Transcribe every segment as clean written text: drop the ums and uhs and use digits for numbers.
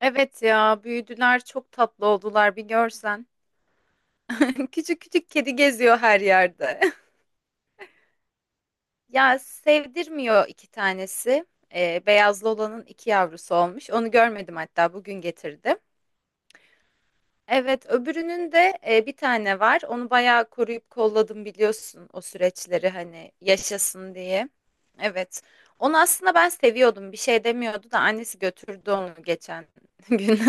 Evet ya, büyüdüler, çok tatlı oldular, bir görsen. Küçük küçük kedi geziyor her yerde. Ya sevdirmiyor iki tanesi. Beyazlı olanın iki yavrusu olmuş. Onu görmedim, hatta bugün getirdim. Evet, öbürünün de bir tane var. Onu bayağı koruyup kolladım, biliyorsun o süreçleri, hani yaşasın diye. Evet. Onu aslında ben seviyordum. Bir şey demiyordu da annesi götürdü onu geçen gün.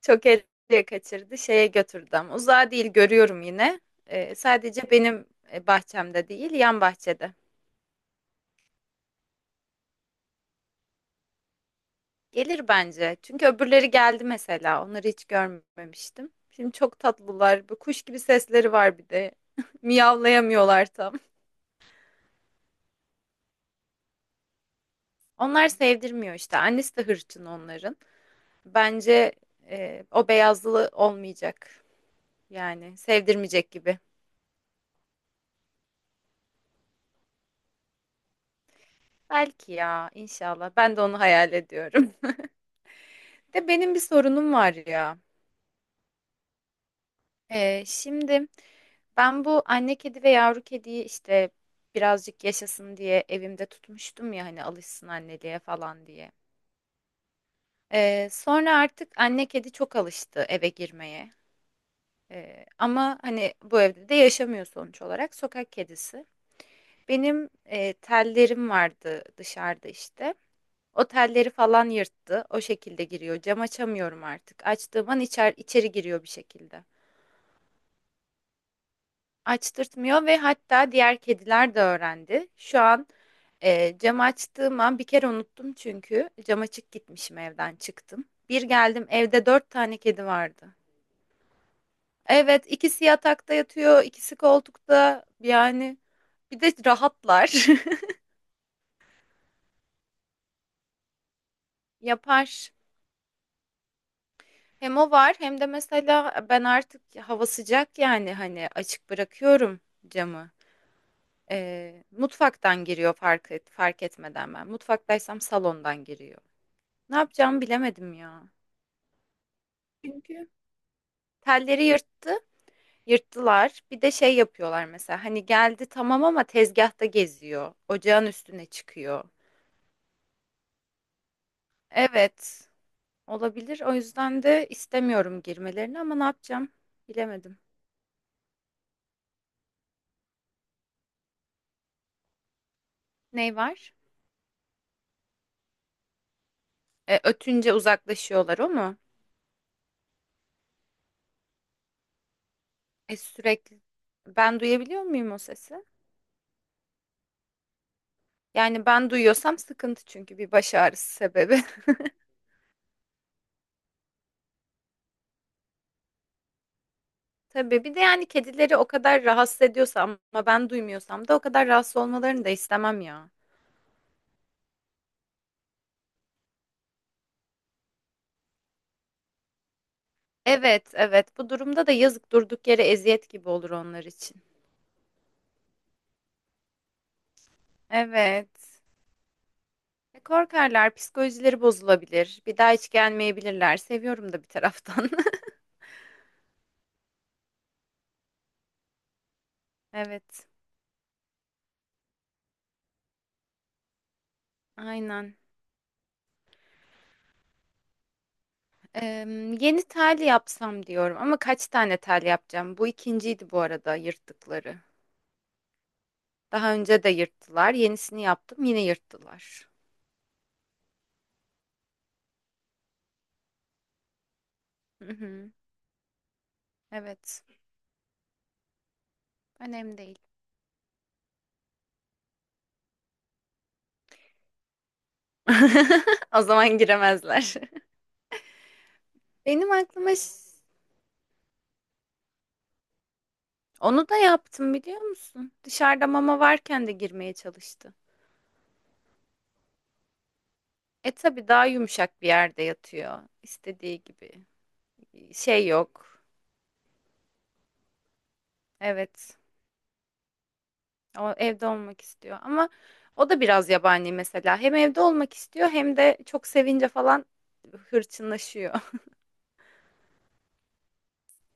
Çok ele kaçırdı. Şeye götürdü ama uzağa değil, görüyorum yine. Sadece benim bahçemde değil, yan bahçede. Gelir bence. Çünkü öbürleri geldi mesela. Onları hiç görmemiştim. Şimdi çok tatlılar. Bu kuş gibi sesleri var bir de. Miyavlayamıyorlar tam. Onlar sevdirmiyor işte. Annesi de hırçın onların. Bence o beyazlı olmayacak. Yani sevdirmeyecek gibi. Belki ya, inşallah. Ben de onu hayal ediyorum. De benim bir sorunum var ya. Şimdi ben bu anne kedi ve yavru kediyi işte birazcık yaşasın diye evimde tutmuştum ya, hani alışsın anneliğe falan diye. Sonra artık anne kedi çok alıştı eve girmeye. Ama hani bu evde de yaşamıyor sonuç olarak, sokak kedisi. Benim tellerim vardı dışarıda işte. O telleri falan yırttı. O şekilde giriyor. Cam açamıyorum artık. Açtığım an içeri giriyor bir şekilde. Açtırtmıyor, ve hatta diğer kediler de öğrendi. Şu an cam açtığım an bir kere unuttum, çünkü cam açık gitmişim, evden çıktım. Bir geldim, evde dört tane kedi vardı. Evet, ikisi yatakta yatıyor, ikisi koltukta, yani bir de rahatlar. Yapar. Hem o var hem de mesela ben artık hava sıcak yani hani açık bırakıyorum camı. Mutfaktan giriyor fark etmeden ben. Mutfaktaysam salondan giriyor. Ne yapacağımı bilemedim ya. Çünkü telleri yırttılar. Bir de şey yapıyorlar mesela. Hani geldi tamam, ama tezgahta geziyor. Ocağın üstüne çıkıyor. Evet, olabilir. O yüzden de istemiyorum girmelerini, ama ne yapacağım bilemedim. Ney var? Ötünce uzaklaşıyorlar, o mu? Sürekli. Ben duyabiliyor muyum o sesi? Yani ben duyuyorsam sıkıntı, çünkü bir baş ağrısı sebebi. Tabii, bir de yani kedileri o kadar rahatsız ediyorsa ama ben duymuyorsam da o kadar rahatsız olmalarını da istemem ya. Evet, evet. Bu durumda da yazık, durduk yere eziyet gibi olur onlar için. Evet. Korkarlar, psikolojileri bozulabilir. Bir daha hiç gelmeyebilirler. Seviyorum da bir taraftan. Evet, aynen. Yeni tel yapsam diyorum ama kaç tane tel yapacağım? Bu ikinciydi bu arada, yırttıkları. Daha önce de yırttılar. Yenisini yaptım, yine yırttılar. Hı hı. Evet, önemli değil. O zaman giremezler. Benim aklıma ş- Onu da yaptım, biliyor musun? Dışarıda mama varken de girmeye çalıştı. E tabii, daha yumuşak bir yerde yatıyor. İstediği gibi. Şey yok. Evet. O evde olmak istiyor ama o da biraz yabani mesela. Hem evde olmak istiyor hem de çok sevince falan hırçınlaşıyor.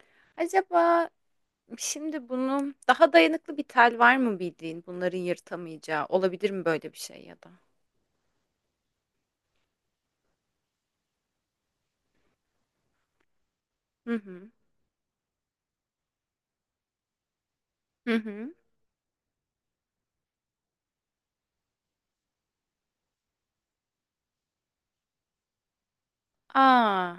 Acaba şimdi bunu, daha dayanıklı bir tel var mı bildiğin, bunların yırtamayacağı? Olabilir mi böyle bir şey, ya da? Hı hı. Hı hı. Aa.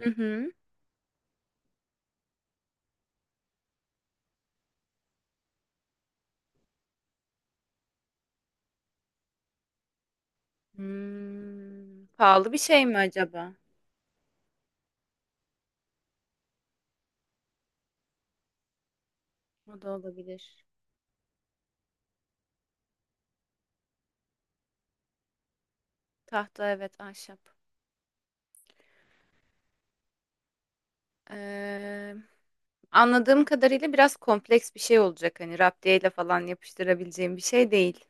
Hı hı. Hmm. Pahalı bir şey mi acaba? O da olabilir. Tahta, evet, ahşap. Ee, Anladığım kadarıyla biraz kompleks bir şey olacak. Hani raptiyeyle falan yapıştırabileceğim bir şey değil.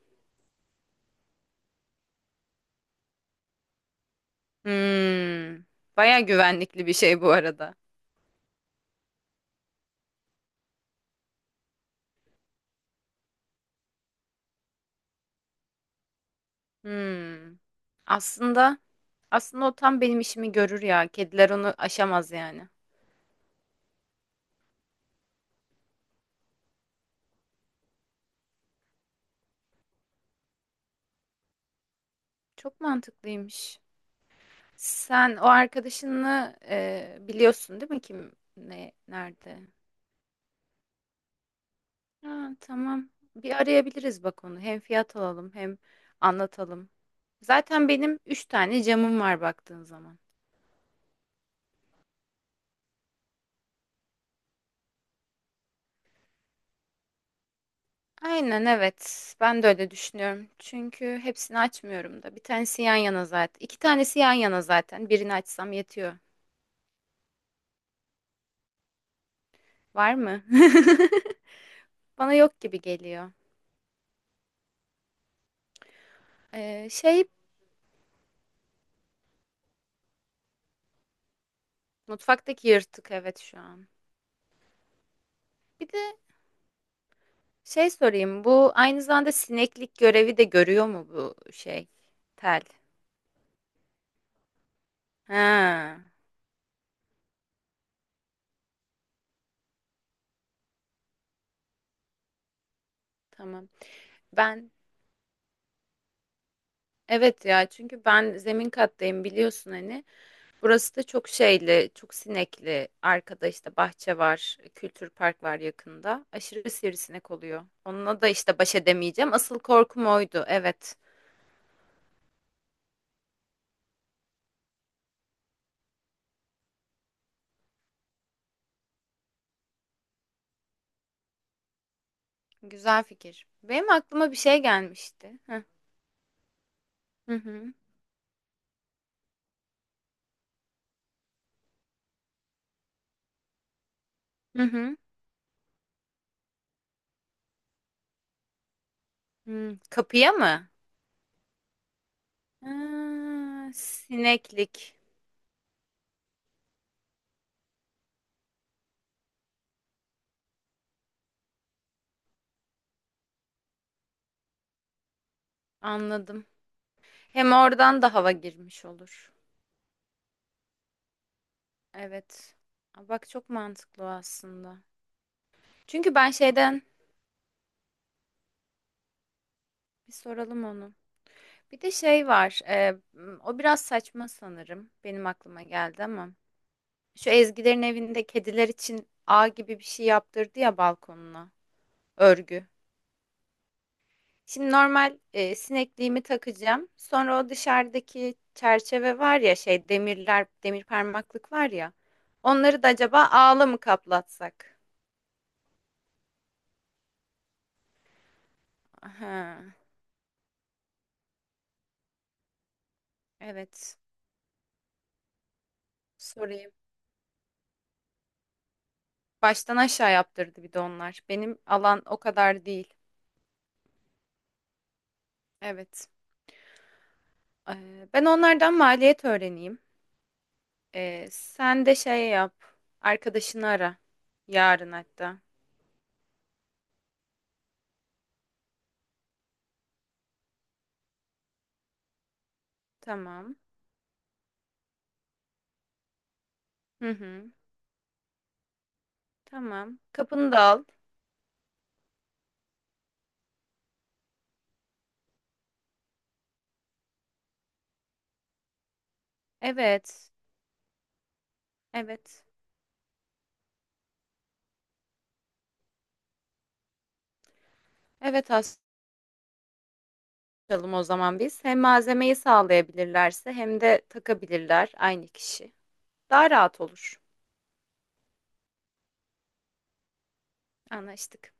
Hmm. Baya güvenlikli bir şey bu arada. Hmm. Aslında aslında o tam benim işimi görür ya. Kediler onu aşamaz yani. Çok mantıklıymış. Sen o arkadaşını biliyorsun değil mi, kim ne nerede? Ha, tamam. Bir arayabiliriz bak onu. Hem fiyat alalım hem anlatalım. Zaten benim üç tane camım var baktığın zaman. Aynen, evet. Ben de öyle düşünüyorum. Çünkü hepsini açmıyorum da. Bir tanesi yan yana zaten. İki tanesi yan yana zaten. Birini açsam yetiyor. Var mı? Bana yok gibi geliyor. Şey, mutfaktaki yırtık, evet, şu an. Bir de şey sorayım, bu aynı zamanda sineklik görevi de görüyor mu, bu şey, tel? Ha, tamam. Ben evet ya, çünkü ben zemin kattayım, biliyorsun hani. Burası da çok şeyli, çok sinekli. Arkada işte bahçe var, kültür park var yakında. Aşırı sivrisinek oluyor. Onunla da işte baş edemeyeceğim. Asıl korkum oydu. Evet. Güzel fikir. Benim aklıma bir şey gelmişti. Hı hı. Hı hı. Hı. Hı. Kapıya mı? Ha, sineklik. Anladım. Hem oradan da hava girmiş olur. Evet. Aa, bak çok mantıklı o aslında. Çünkü ben şeyden Bir soralım onu. Bir de şey var. O biraz saçma sanırım. Benim aklıma geldi ama. Şu Ezgilerin evinde kediler için ağ gibi bir şey yaptırdı ya balkonuna. Örgü. Şimdi normal sinekliğimi takacağım. Sonra o dışarıdaki çerçeve var ya, şey, demirler, demir parmaklık var ya. Onları da acaba ağla mı kaplatsak? Aha, evet. Sorayım. Baştan aşağı yaptırdı bir de onlar. Benim alan o kadar değil. Evet. Ben onlardan maliyet öğreneyim. Sen de şey yap. Arkadaşını ara. Yarın hatta. Tamam. Hı hı. Tamam. Kapını da al. Evet. Evet. Evet, açalım o zaman biz. Hem malzemeyi sağlayabilirlerse hem de takabilirler aynı kişi. Daha rahat olur. Anlaştık.